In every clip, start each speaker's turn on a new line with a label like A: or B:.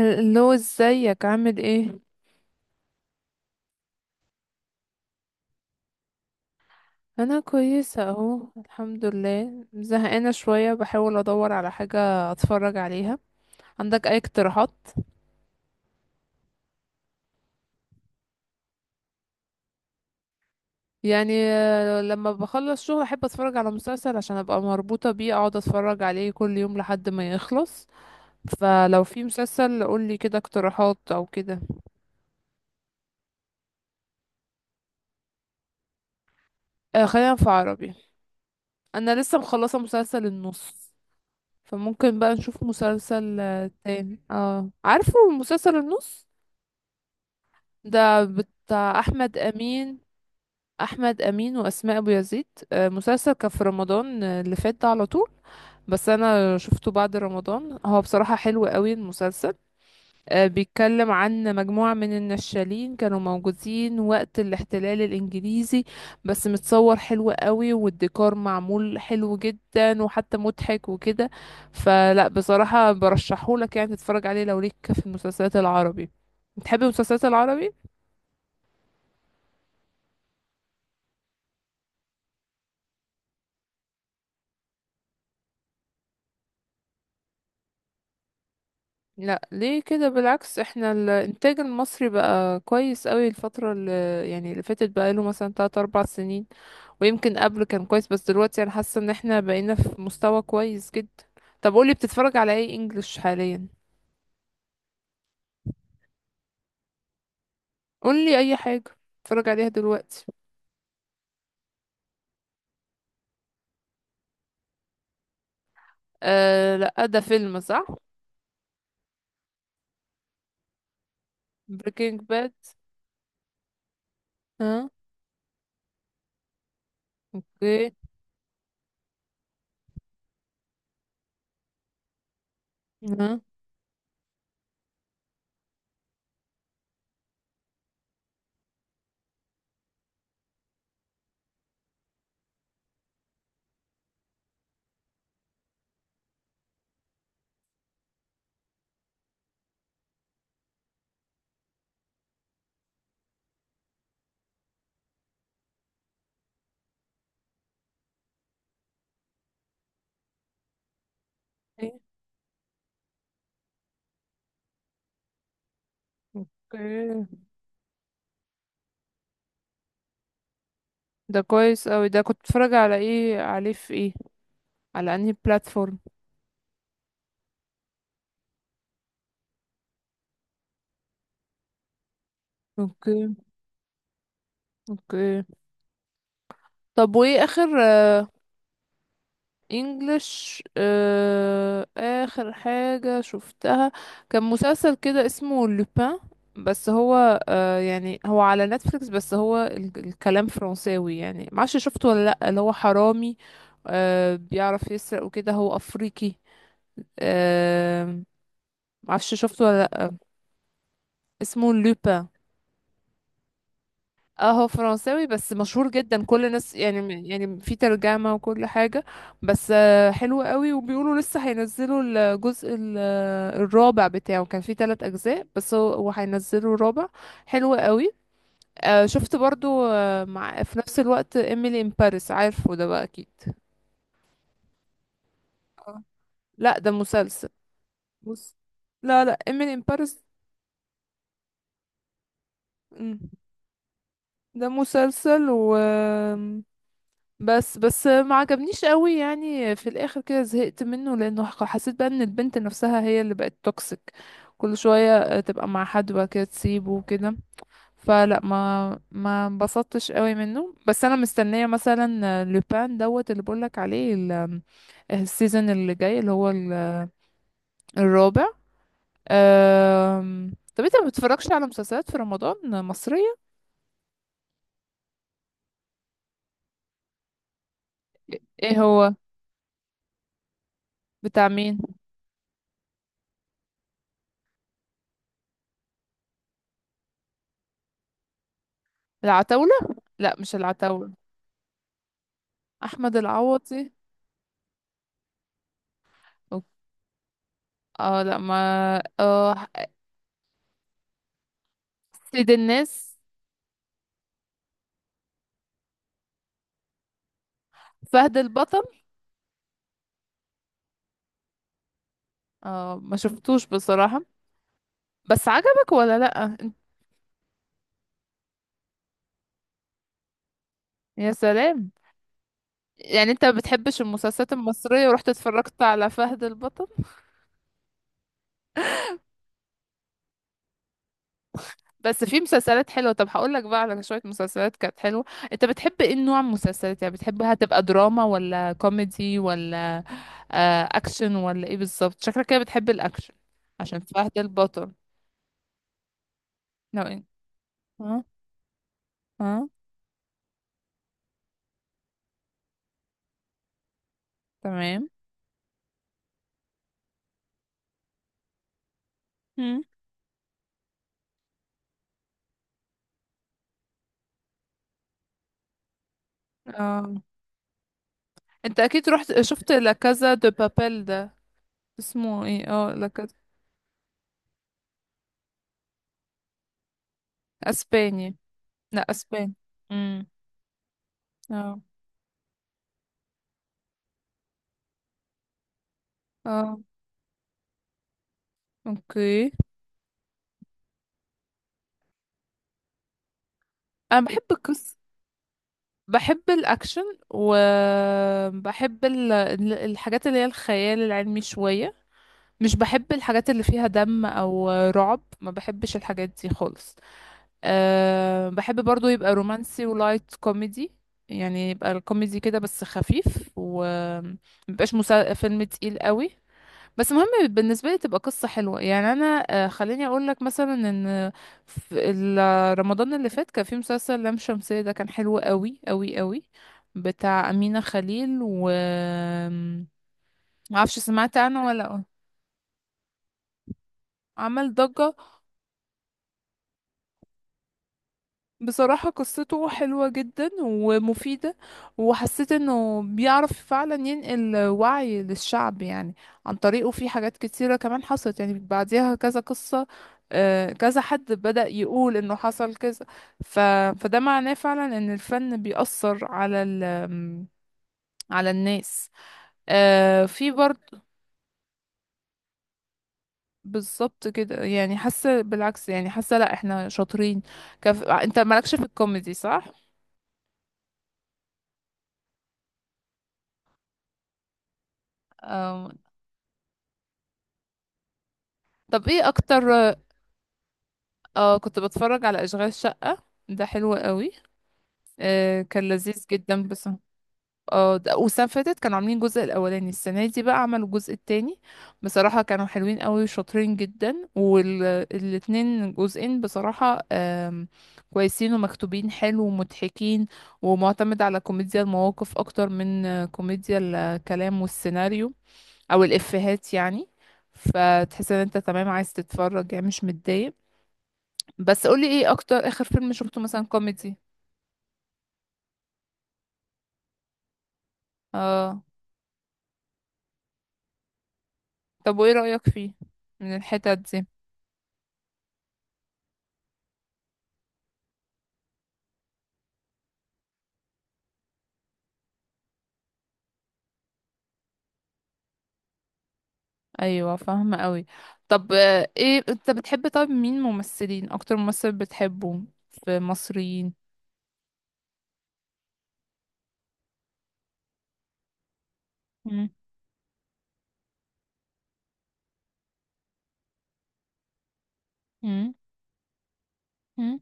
A: اللي هو ازيك عامل ايه؟ انا كويسه اهو الحمد لله، زهقانه شويه بحاول ادور على حاجه اتفرج عليها. عندك اي اقتراحات؟ يعني لما بخلص شغل احب اتفرج على مسلسل عشان ابقى مربوطه بيه، اقعد اتفرج عليه كل يوم لحد ما يخلص. فلو في مسلسل قولي كده اقتراحات او كده. آه، خلينا في عربي. انا لسه مخلصه مسلسل النص. فممكن بقى نشوف مسلسل تاني، عارفه. مسلسل النص. ده بتاع احمد امين. احمد امين واسماء ابو يزيد. مسلسل كان في رمضان، اللي فات ده على طول. بس انا شفته بعد رمضان، هو بصراحة حلو قوي المسلسل. بيتكلم عن مجموعة من النشالين كانوا موجودين وقت الاحتلال الانجليزي. بس متصور حلو قوي، والديكور معمول حلو جدا وحتى مضحك وكده. فلا بصراحة برشحهولك يعني تتفرج عليه لو ليك في المسلسلات العربي. بتحب المسلسلات العربي؟ لا، ليه كده؟ بالعكس احنا الانتاج المصري بقى كويس قوي الفترة اللي، يعني اللي فاتت بقى له مثلا 3 4 سنين. ويمكن قبل كان كويس بس دلوقتي انا حاسة ان احنا بقينا في مستوى كويس جدا. طب قولي بتتفرج على ايه انجلش حاليا؟ قولي اي حاجة بتتفرج عليها دلوقتي. آه، لا، ده فيلم، صح؟ بريكنج باد. ها؟ اوكي. ها؟ إيه؟ اوكي. ده كويس قوي، ده كنت بتتفرج على ايه عليه، في ايه، على انهي بلاتفورم؟ اوكي. اوكي. طب وايه اخر؟ انجلش، اخر حاجة شفتها كان مسلسل كده اسمه لوبان. بس هو يعني هو على نتفليكس، بس هو الكلام فرنساوي، يعني معرفش شفته ولا لأ، اللي هو حرامي، بيعرف يسرق وكده، هو افريقي. آه معرفش شفته ولا لأ. اسمه لوبان. اه هو فرنساوي، بس مشهور جدا كل الناس، يعني في ترجمة وكل حاجة. بس حلو قوي، وبيقولوا لسه هينزلوا الجزء الرابع بتاعه، كان في ثلاث أجزاء بس هو هينزلوا الرابع. حلو قوي. شفت برضو مع في نفس الوقت ايميلي ان باريس، عارفه ده بقى أكيد. اه، لا ده مسلسل. بص، لا لا، ايميلي ان باريس. ده مسلسل، و بس ما عجبنيش قوي، يعني في الاخر كده زهقت منه لانه حسيت بقى ان البنت نفسها هي اللي بقت توكسيك. كل شوية تبقى مع حد وبعد كده تسيبه وكده. فلا ما انبسطتش قوي منه، بس انا مستنية مثلا لوبان دوت اللي بقولك عليه السيزون اللي جاي، اللي هو الرابع. طب انت ما بتتفرجش على مسلسلات في رمضان مصرية؟ ايه هو؟ بتاع مين؟ العتاولة؟ لا، مش العتاولة. احمد العوضي. اه، لا ما... اه. سيد الناس. فهد البطل. اه، ما شفتوش بصراحة. بس عجبك ولا لا؟ يا سلام. يعني انت ما بتحبش المسلسلات المصرية ورحت اتفرجت على فهد البطل؟ بس في مسلسلات حلوة، طب هقول لك بقى على شوية مسلسلات كانت حلوة. انت بتحب ايه نوع مسلسلات يعني؟ بتحبها تبقى دراما ولا كوميدي ولا اكشن، ولا ايه بالظبط؟ شكلك كده بتحب الاكشن عشان فهد البطل. لو إن- اه. اه. تمام. مم. انت اكيد رحت شفت لا كازا دو بابيل ده؟ اسمه ايه؟ اه، لا كازا. اسباني. لا، اسباني. امم. اه. اه. اوكي. انا بحب القصة، بحب الاكشن، وبحب الحاجات اللي هي الخيال العلمي شوية. مش بحب الحاجات اللي فيها دم او رعب، ما بحبش الحاجات دي خالص. بحب برضو يبقى رومانسي ولايت كوميدي. يعني يبقى الكوميدي كده بس خفيف، و فيلم تقيل قوي. بس مهم بالنسبة لي تبقى قصة حلوة، يعني أنا خليني أقول لك مثلا إن في رمضان اللي فات كان في مسلسل لام شمسية، ده كان حلو قوي قوي قوي، بتاع أمينة خليل، و... معرفش سمعت عنه ولا لأ. عمل ضجة. بصراحة قصته حلوة جدا ومفيدة، وحسيت انه بيعرف فعلا ينقل وعي للشعب يعني، عن طريقه في حاجات كتيرة كمان حصلت يعني بعديها كذا قصة. كذا حد بدأ يقول انه حصل كذا. ف... فده معناه فعلا ان الفن بيأثر على على الناس. في برضه. بالظبط كده، يعني حاسة بالعكس، يعني حاسة لا احنا شاطرين. انت مالكش في الكوميدي صح؟ آه، طب ايه اكتر؟ اه كنت بتفرج على اشغال شقة، ده حلو قوي. كان لذيذ جدا بس. اه، والسنة فاتت كانوا عاملين الجزء الاولاني، السنة دي بقى عملوا الجزء التاني. بصراحة كانوا حلوين قوي وشاطرين جدا، والاتنين جزئين بصراحة كويسين ومكتوبين حلو ومضحكين، ومعتمد على كوميديا المواقف اكتر من كوميديا الكلام والسيناريو، او الافيهات يعني. فتحس ان انت تمام، عايز تتفرج يعني مش متضايق. بس قولي ايه اكتر اخر فيلم شفته مثلا كوميدي. اه. طب وايه رأيك فيه من الحتت دي؟ ايوه فاهمة قوي. طب ايه انت بتحب؟ طب مين ممثلين، اكتر ممثل بتحبه في مصريين؟ مم. مم. مم.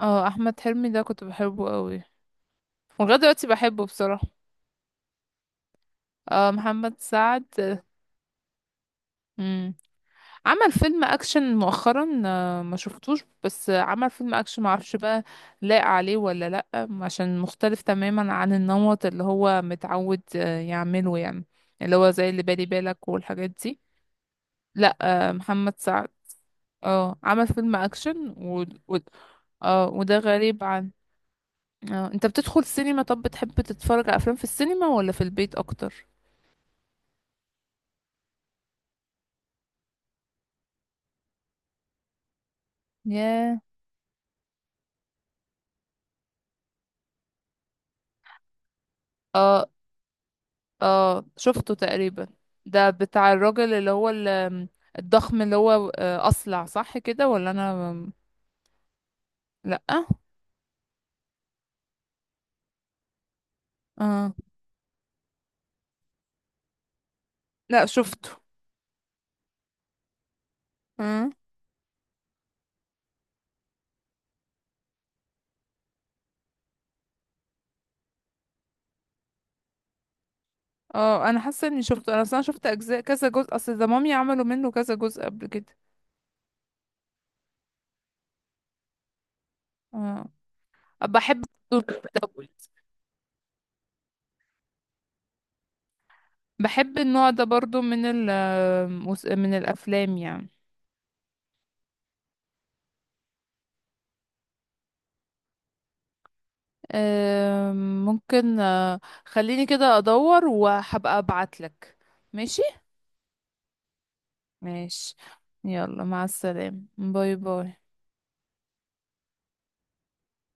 A: اه احمد حلمي ده كنت بحبه قوي، ولغايه دلوقتي بحبه بصراحة. اه محمد سعد. مم. عمل فيلم اكشن مؤخرا، ما شفتوش، بس عمل فيلم اكشن، ما اعرفش بقى لايق عليه ولا لا عشان مختلف تماما عن النمط اللي هو متعود يعمله يعني، اللي هو زي اللي بالي بالك والحاجات دي. لا، محمد سعد. اه، عمل فيلم اكشن اه، وده غريب عن... اه، انت بتدخل سينما؟ طب بتحب تتفرج على افلام في السينما ولا في البيت اكتر؟ ياه. اه، اه، شفته تقريبا. ده بتاع الراجل اللي هو الضخم، اللي هو اصلع، صح كده ولا انا... لا. اه. لا شفته. اه. اه انا حاسه اني شفته، انا اصلا شفت اجزاء، كذا جزء، اصل ده مامي عملوا منه كذا جزء قبل كده. اه. بحب. بحب النوع ده برضو من من الافلام يعني. ممكن خليني كده ادور وهبقى ابعتلك. ماشي. ماشي. يلا مع السلامة، باي باي.